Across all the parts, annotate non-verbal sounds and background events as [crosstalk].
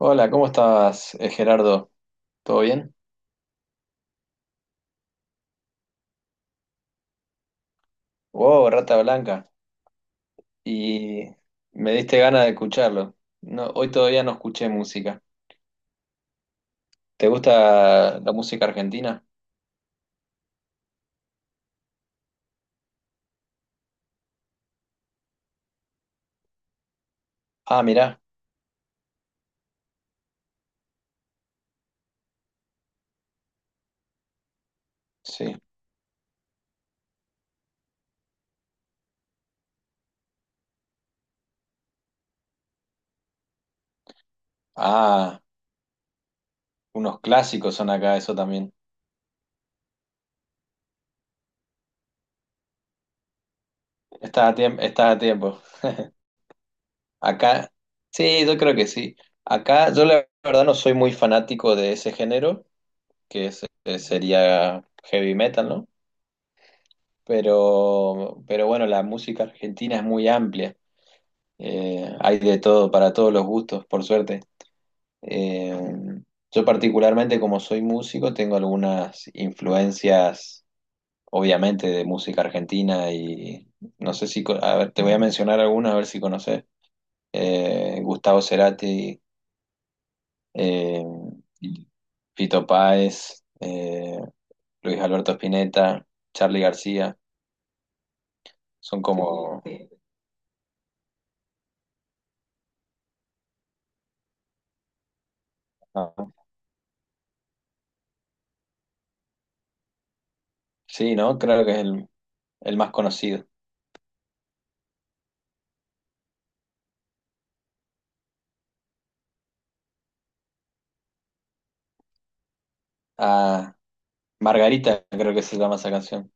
Hola, ¿cómo estás, Gerardo? ¿Todo bien? Wow, rata blanca. Y me diste ganas de escucharlo. No, hoy todavía no escuché música. ¿Te gusta la música argentina? Ah, mirá, sí. Ah, unos clásicos son acá, eso también. Estás a tiempo, estás a tiempo. Acá, sí, yo creo que sí. Acá, yo la verdad no soy muy fanático de ese género, sería heavy metal, ¿no? Pero bueno, la música argentina es muy amplia. Hay de todo, para todos los gustos, por suerte. Eh, yo particularmente, como soy músico, tengo algunas influencias, obviamente, de música argentina y no sé si, a ver, te voy a mencionar algunas, a ver si conoces. Gustavo Cerati, eh, Fito Páez, Luis Alberto Spinetta, Charly García, son como... Sí, ¿no? Creo que es el más conocido. Ah, Margarita, creo que se llama esa canción.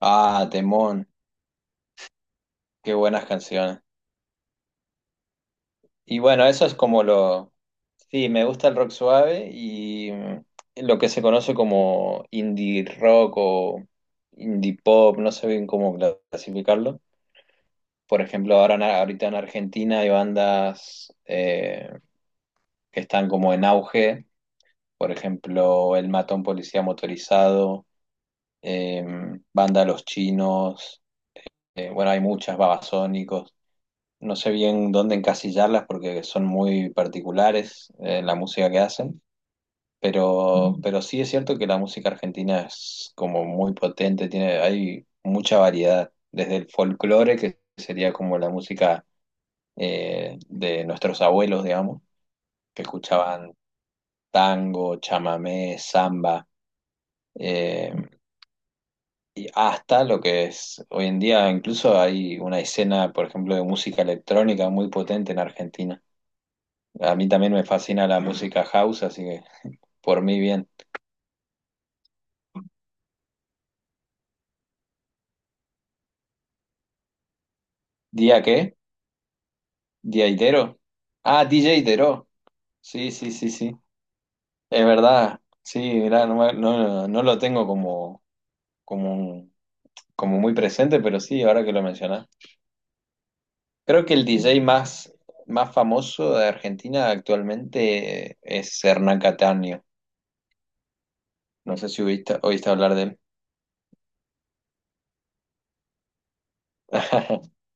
Ah, Temón, qué buenas canciones. Y bueno, eso es como lo... Sí, me gusta el rock suave y lo que se conoce como indie rock o indie pop, no sé bien cómo clasificarlo. Por ejemplo, ahorita en Argentina hay bandas que están como en auge, por ejemplo, El Matón Policía Motorizado, Banda Los Chinos, bueno, hay muchas, Babasónicos. No sé bien dónde encasillarlas porque son muy particulares, la música que hacen, pero, Mm. pero sí es cierto que la música argentina es como muy potente, tiene, hay mucha variedad, desde el folclore, que sería como la música de nuestros abuelos, digamos, que escuchaban tango, chamamé, samba. eh, y hasta lo que es hoy en día, incluso hay una escena, por ejemplo, de música electrónica muy potente en Argentina. A mí también me fascina la música house, así que por mí bien. ¿Día qué? ¿Día Itero? Ah, DJ Itero. Sí, sí, sí, sí. Es verdad. Sí, mirá, no, no lo tengo como, un- como muy presente, pero sí, ahora que lo mencionás. Creo que el DJ más famoso de Argentina actualmente es Hernán Cataño. No sé si oíste hablar de él. [laughs]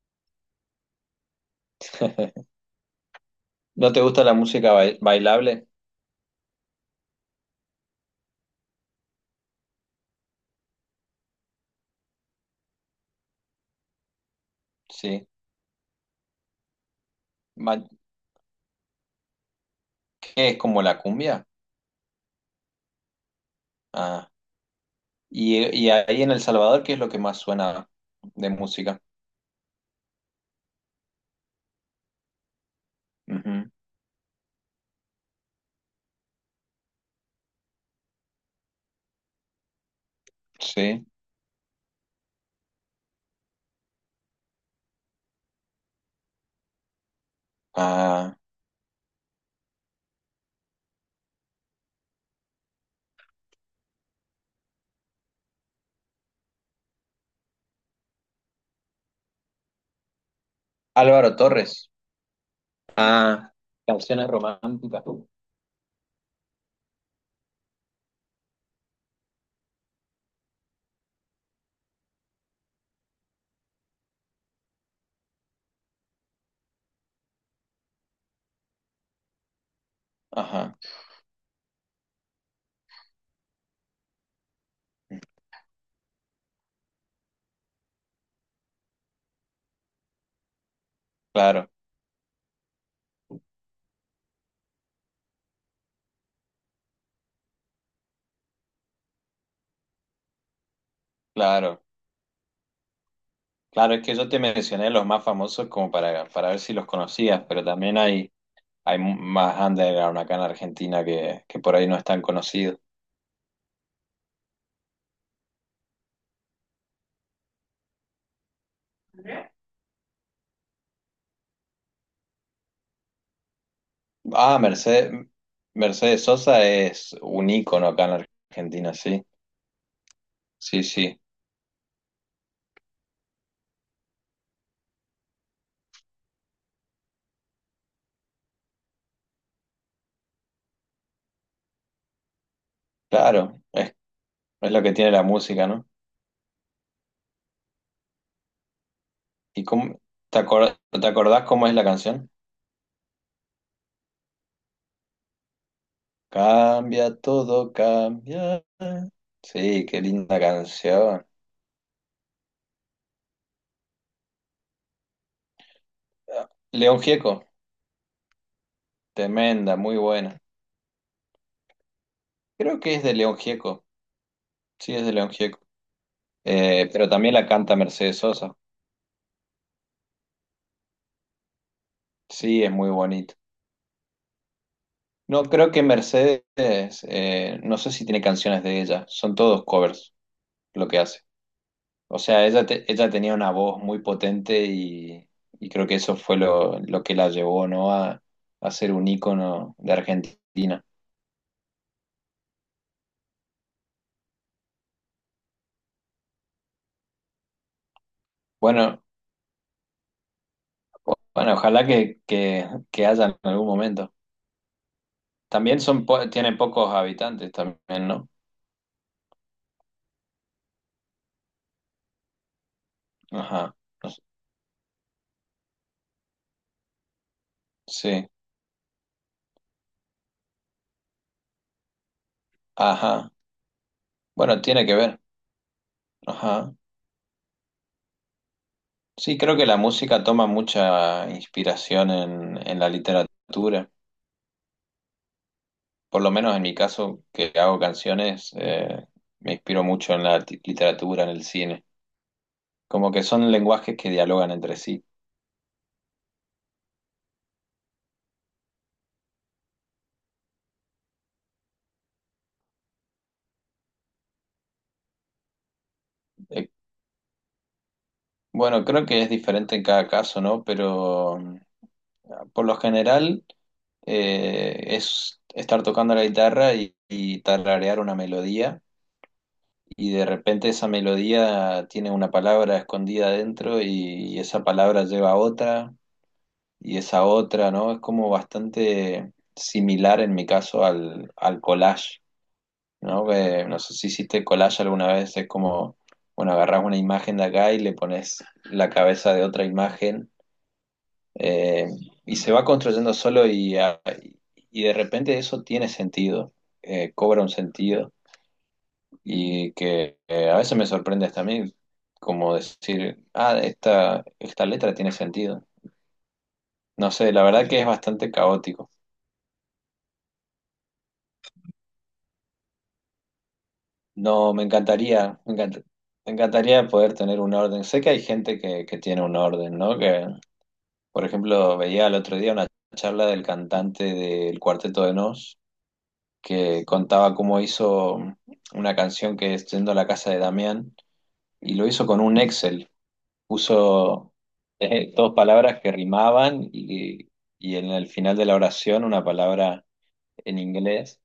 ¿No te gusta la música bailable? Sí. Ma- ¿Qué es como la cumbia? Ah. Y ahí en El Salvador, ¿qué es lo que más suena de música? Ujú, sí. Ah, Álvaro Torres. Ah, canciones románticas. Ajá. Claro, claro. Claro, es que yo te mencioné los más famosos como para ver si los conocías, pero también hay más underground acá en Argentina que por ahí no es tan conocido. Ah, Mercedes, Mercedes Sosa es un ícono acá en Argentina, sí. Sí, sí. Claro, es lo que tiene la música, ¿no? ¿Y cómo te acordás cómo es la canción? Cambia todo, cambia. Sí, qué linda canción. León Gieco, tremenda, muy buena. Creo que es de León Gieco. Sí, es de León Gieco. Pero también la canta Mercedes Sosa. Sí, es muy bonito. No, creo que Mercedes, no sé si tiene canciones de ella. Son todos covers lo que hace. O sea, ella tenía una voz muy potente y creo que eso fue lo que la llevó, ¿no? A ser un ícono de Argentina. Bueno, ojalá que haya en algún momento. También tiene pocos habitantes también, ¿no? Ajá. No sé. Sí. Ajá. Bueno, tiene que ver. Ajá. Sí, creo que la música toma mucha inspiración en la literatura. Por lo menos en mi caso, que hago canciones, me inspiro mucho en la literatura, en el cine. Como que son lenguajes que dialogan entre sí. Eh, bueno, creo que es diferente en cada caso, ¿no? Pero por lo general es estar tocando la guitarra y tararear una melodía. Y de repente esa melodía tiene una palabra escondida adentro y esa palabra lleva a otra y esa otra, ¿no? Es como bastante similar en mi caso al collage, ¿no? Que no sé si hiciste collage alguna vez, es como, bueno, agarrás una imagen de acá y le pones la cabeza de otra imagen eh, y se va construyendo solo y de repente eso tiene sentido, cobra un sentido y que a veces me sorprende hasta a mí como decir, ah, esta letra tiene sentido. No sé, la verdad que es bastante caótico. No, me encantaría poder tener un orden. Sé que hay gente que tiene un orden, ¿no? Que, por ejemplo, veía el otro día una charla del cantante del Cuarteto de Nos que contaba cómo hizo una canción que es Yendo a la casa de Damián y lo hizo con un Excel. Puso dos palabras que rimaban y en el final de la oración una palabra en inglés.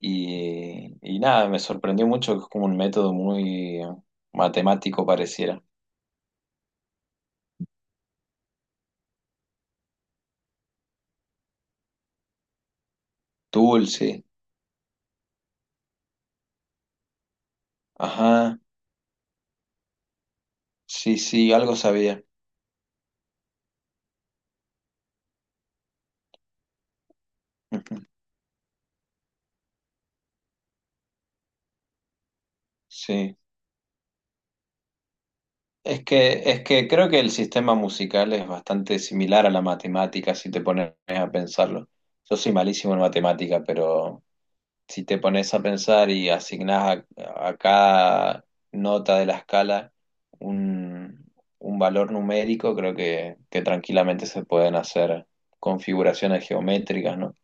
Y nada, me sorprendió mucho que es como un método muy matemático pareciera. Dulce, ajá, sí, sí, algo sabía. Ujú, sí. Es que creo que el sistema musical es bastante similar a la matemática si te pones a pensarlo. Yo soy malísimo en matemática, pero si te pones a pensar y asignás a cada nota de la escala un, un valor numérico, creo que tranquilamente se pueden hacer configuraciones geométricas, ¿no?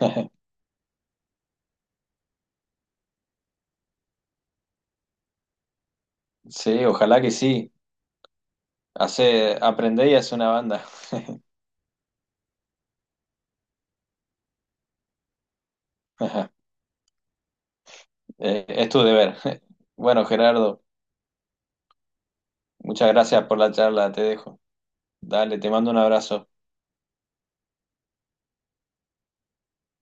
[laughs] Sí, ojalá que sí. Hace, aprendé y hace una banda. [laughs] Es tu deber. [laughs] Bueno, Gerardo, muchas gracias por la charla, te dejo. Dale, te mando un abrazo.